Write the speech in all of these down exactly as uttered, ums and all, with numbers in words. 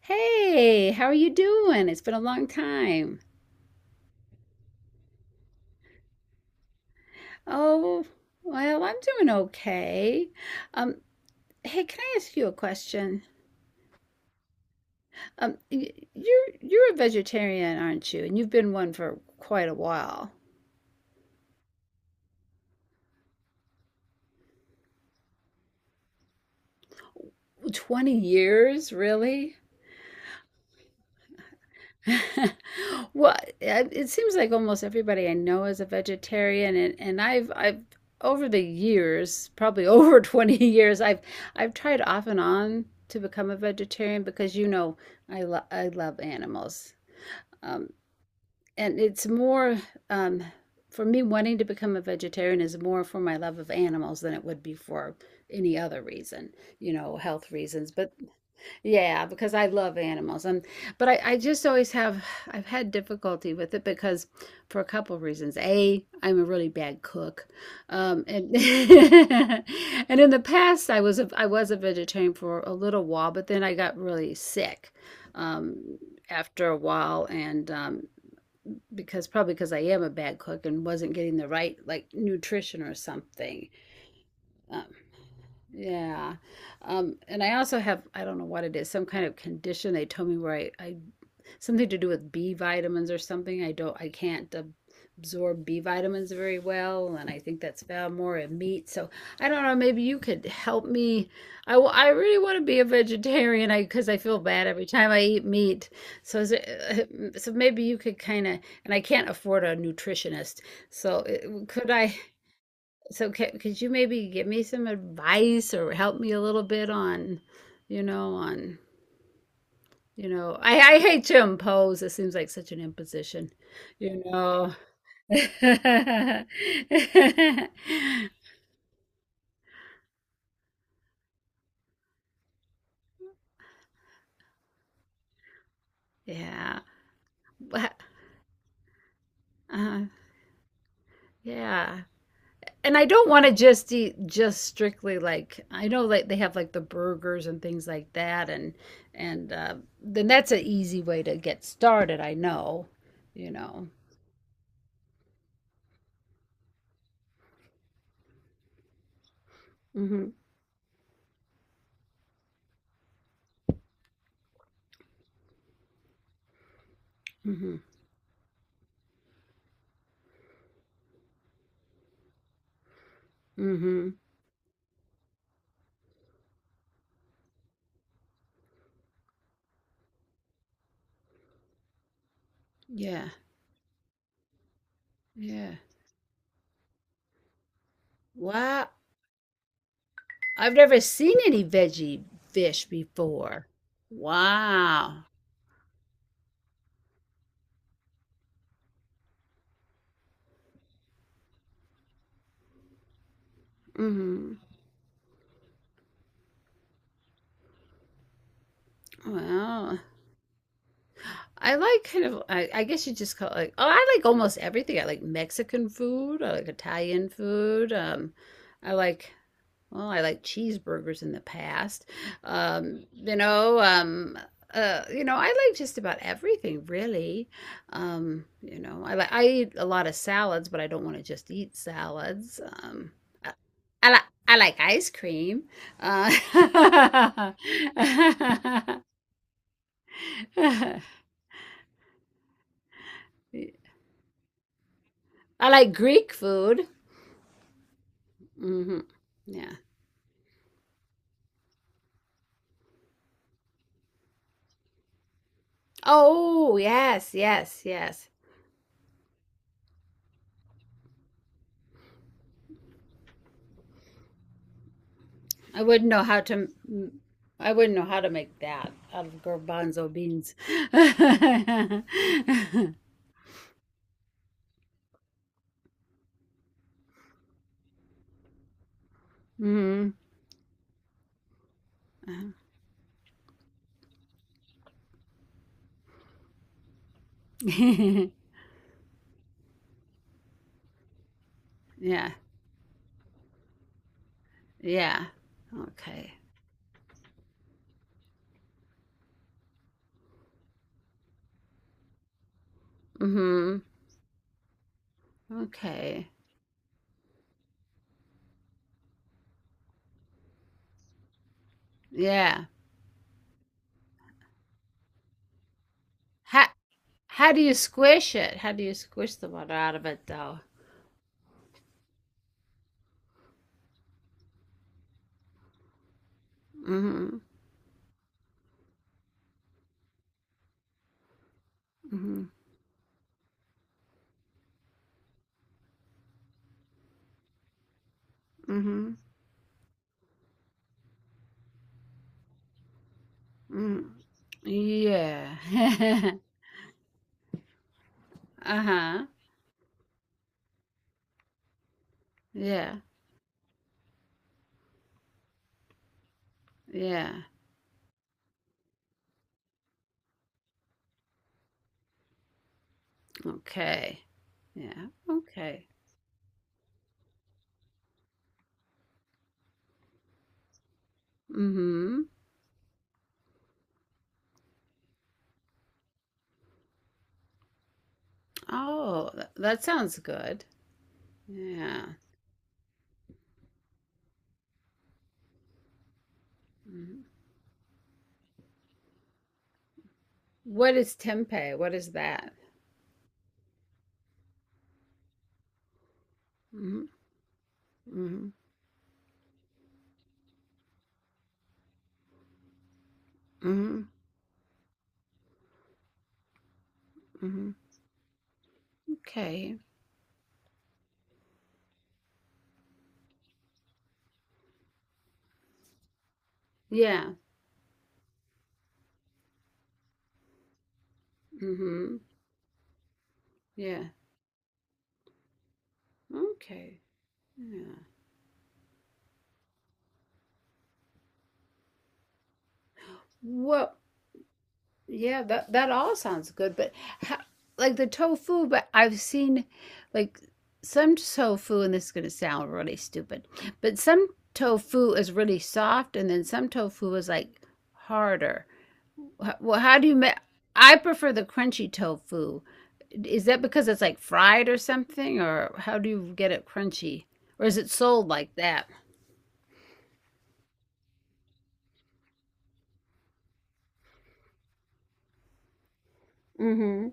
Hey, how are you doing? It's been a long time. Oh, well, I'm doing okay. Um, hey, can I ask you a question? Um, y- you're you're a vegetarian, aren't you? And you've been one for quite a while. twenty years, really? Well, it it seems like almost everybody I know is a vegetarian, and and I've I've over the years, probably over twenty years, I've I've tried off and on to become a vegetarian because you know I lo I love animals. Um, and it's more um, for me, wanting to become a vegetarian is more for my love of animals than it would be for any other reason, you know, health reasons. But yeah, because I love animals. And but I, I just always have, I've had difficulty with it because, for a couple of reasons. A, I'm a really bad cook. Um and and in the past I was a I was a vegetarian for a little while, but then I got really sick um after a while, and um because probably because I am a bad cook and wasn't getting the right like nutrition or something, uh, yeah. Um, and I also have, I don't know what it is, some kind of condition they told me where I, I something to do with B vitamins or something. I don't, I can't ab- absorb B vitamins very well, and I think that's found more in meat. So I don't know, maybe you could help me. I, wa- I really want to be a vegetarian, I because I feel bad every time I eat meat. So is it, so maybe you could kind of, and I can't afford a nutritionist. So it, could I? So ca- could you maybe give me some advice or help me a little bit on, you know, on, you know, I, I hate to impose. It seems like such an imposition, you know. Yeah. Wha- Uh, yeah. And I don't want to just eat just strictly, like I know like they have like the burgers and things like that, and and uh, then that's an easy way to get started, I know, you know. Hmm. Hmm. Hmm. Yeah. Yeah. Wow. I've never seen any veggie fish before. Wow. Hmm. Wow. I like kind of, I, I guess you just call it like, oh, I like almost everything. I like Mexican food. I like Italian food. Um, I like Well, I like cheeseburgers in the past. Um, you know, um, uh, you know, I like just about everything really. Um, you know, I like, I eat a lot of salads, but I don't want to just eat salads. Um, I, I like, I like ice cream. Uh, I like Greek food. Hmm. Yeah. Oh, yes, yes, yes. I wouldn't know how to. I I wouldn't know how to make that out of garbanzo beans. Hmm. Yeah. Yeah. Okay. Hmm. Okay. Yeah. How how do you squish it? How do you squish the water out of it though? Hmm. Hmm. Hmm. Hmm. Yeah. Uh-huh. Yeah. Yeah. Okay. Yeah. Okay. Mm-hmm. Oh, th- that sounds good. Yeah. Mhm. What is tempeh? What is that? Mm-hmm. Mm-hmm. Mm-hmm. Hmm. Okay. Yeah. Mm-hmm. Yeah. Okay. Yeah. Well, yeah, that that all sounds good, but how, like the tofu, but I've seen, like some tofu, and this is going to sound really stupid, but some tofu is really soft, and then some tofu is like harder. Wh- Well, how do you make? I prefer the crunchy tofu. Is that because it's like fried or something, or how do you get it crunchy? Or is it sold like that? Mm-hmm.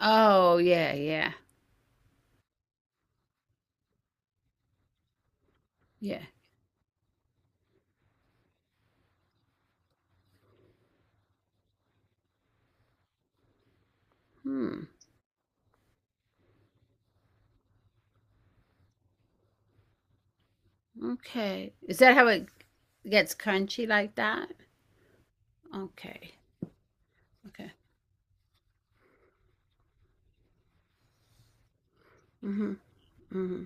Oh, yeah, yeah, yeah. Hmm. Okay. Is that how it gets crunchy like that? Okay. Okay. Mm-hmm. Mm-hmm.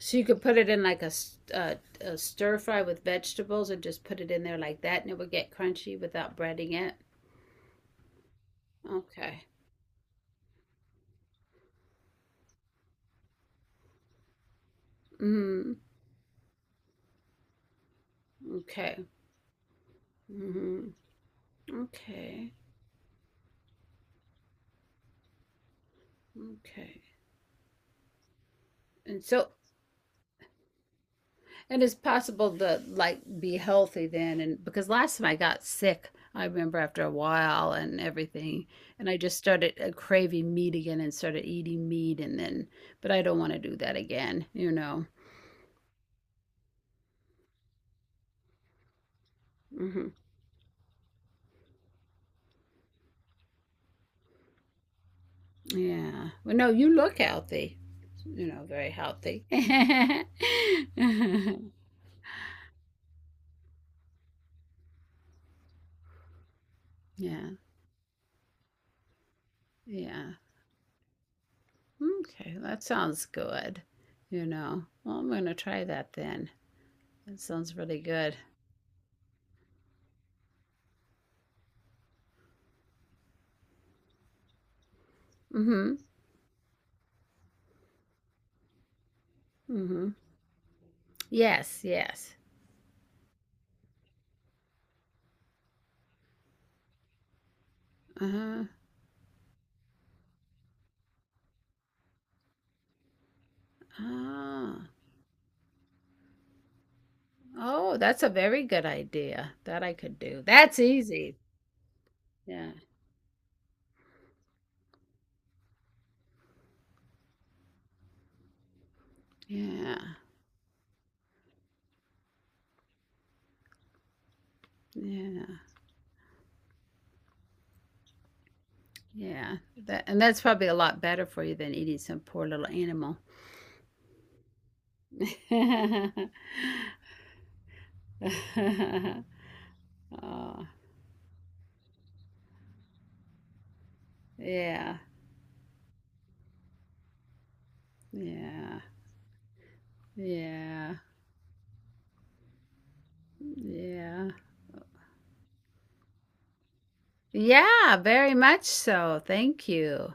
So you could put it in like a, s- uh, a stir fry with vegetables and just put it in there like that and it would get crunchy without breading it. Okay. Mm-hmm. Okay. Mm-hmm. Okay. Okay. And so, and it's possible to like be healthy then. And because last time I got sick, I remember after a while and everything, and I just started uh, craving meat again and started eating meat. And then, but I don't want to do that again, you know. Hmm. Yeah. Well, no, you look healthy, you know, very healthy. Yeah. Yeah. Okay. That sounds good, you know. Well, I'm going to try that then. That sounds really good. Mm-hmm. Mm-hmm. Yes, yes. Uh-huh. Ah. Oh, that's a very good idea. That I could do. That's easy. Yeah. Yeah. Yeah. Yeah. That, and that's probably a lot better for you than eating some poor little animal. Oh, yeah. Yeah. Yeah. Yeah. Yeah, very much so. Thank you.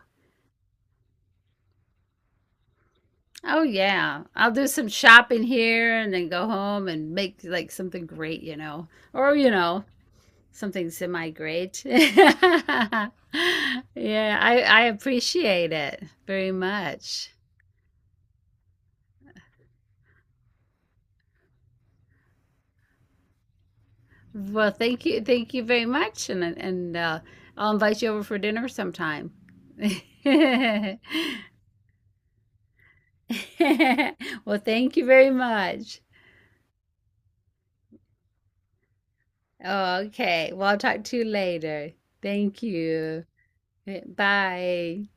Oh yeah. I'll do some shopping here and then go home and make like something great, you know. Or, you know, something semi-great. Yeah, I I appreciate it very much. Well, thank you. Thank you very much and and uh, I'll invite you over for dinner sometime. Well, thank you very much. Oh, okay. Well, I'll talk to you later. Thank you. Bye.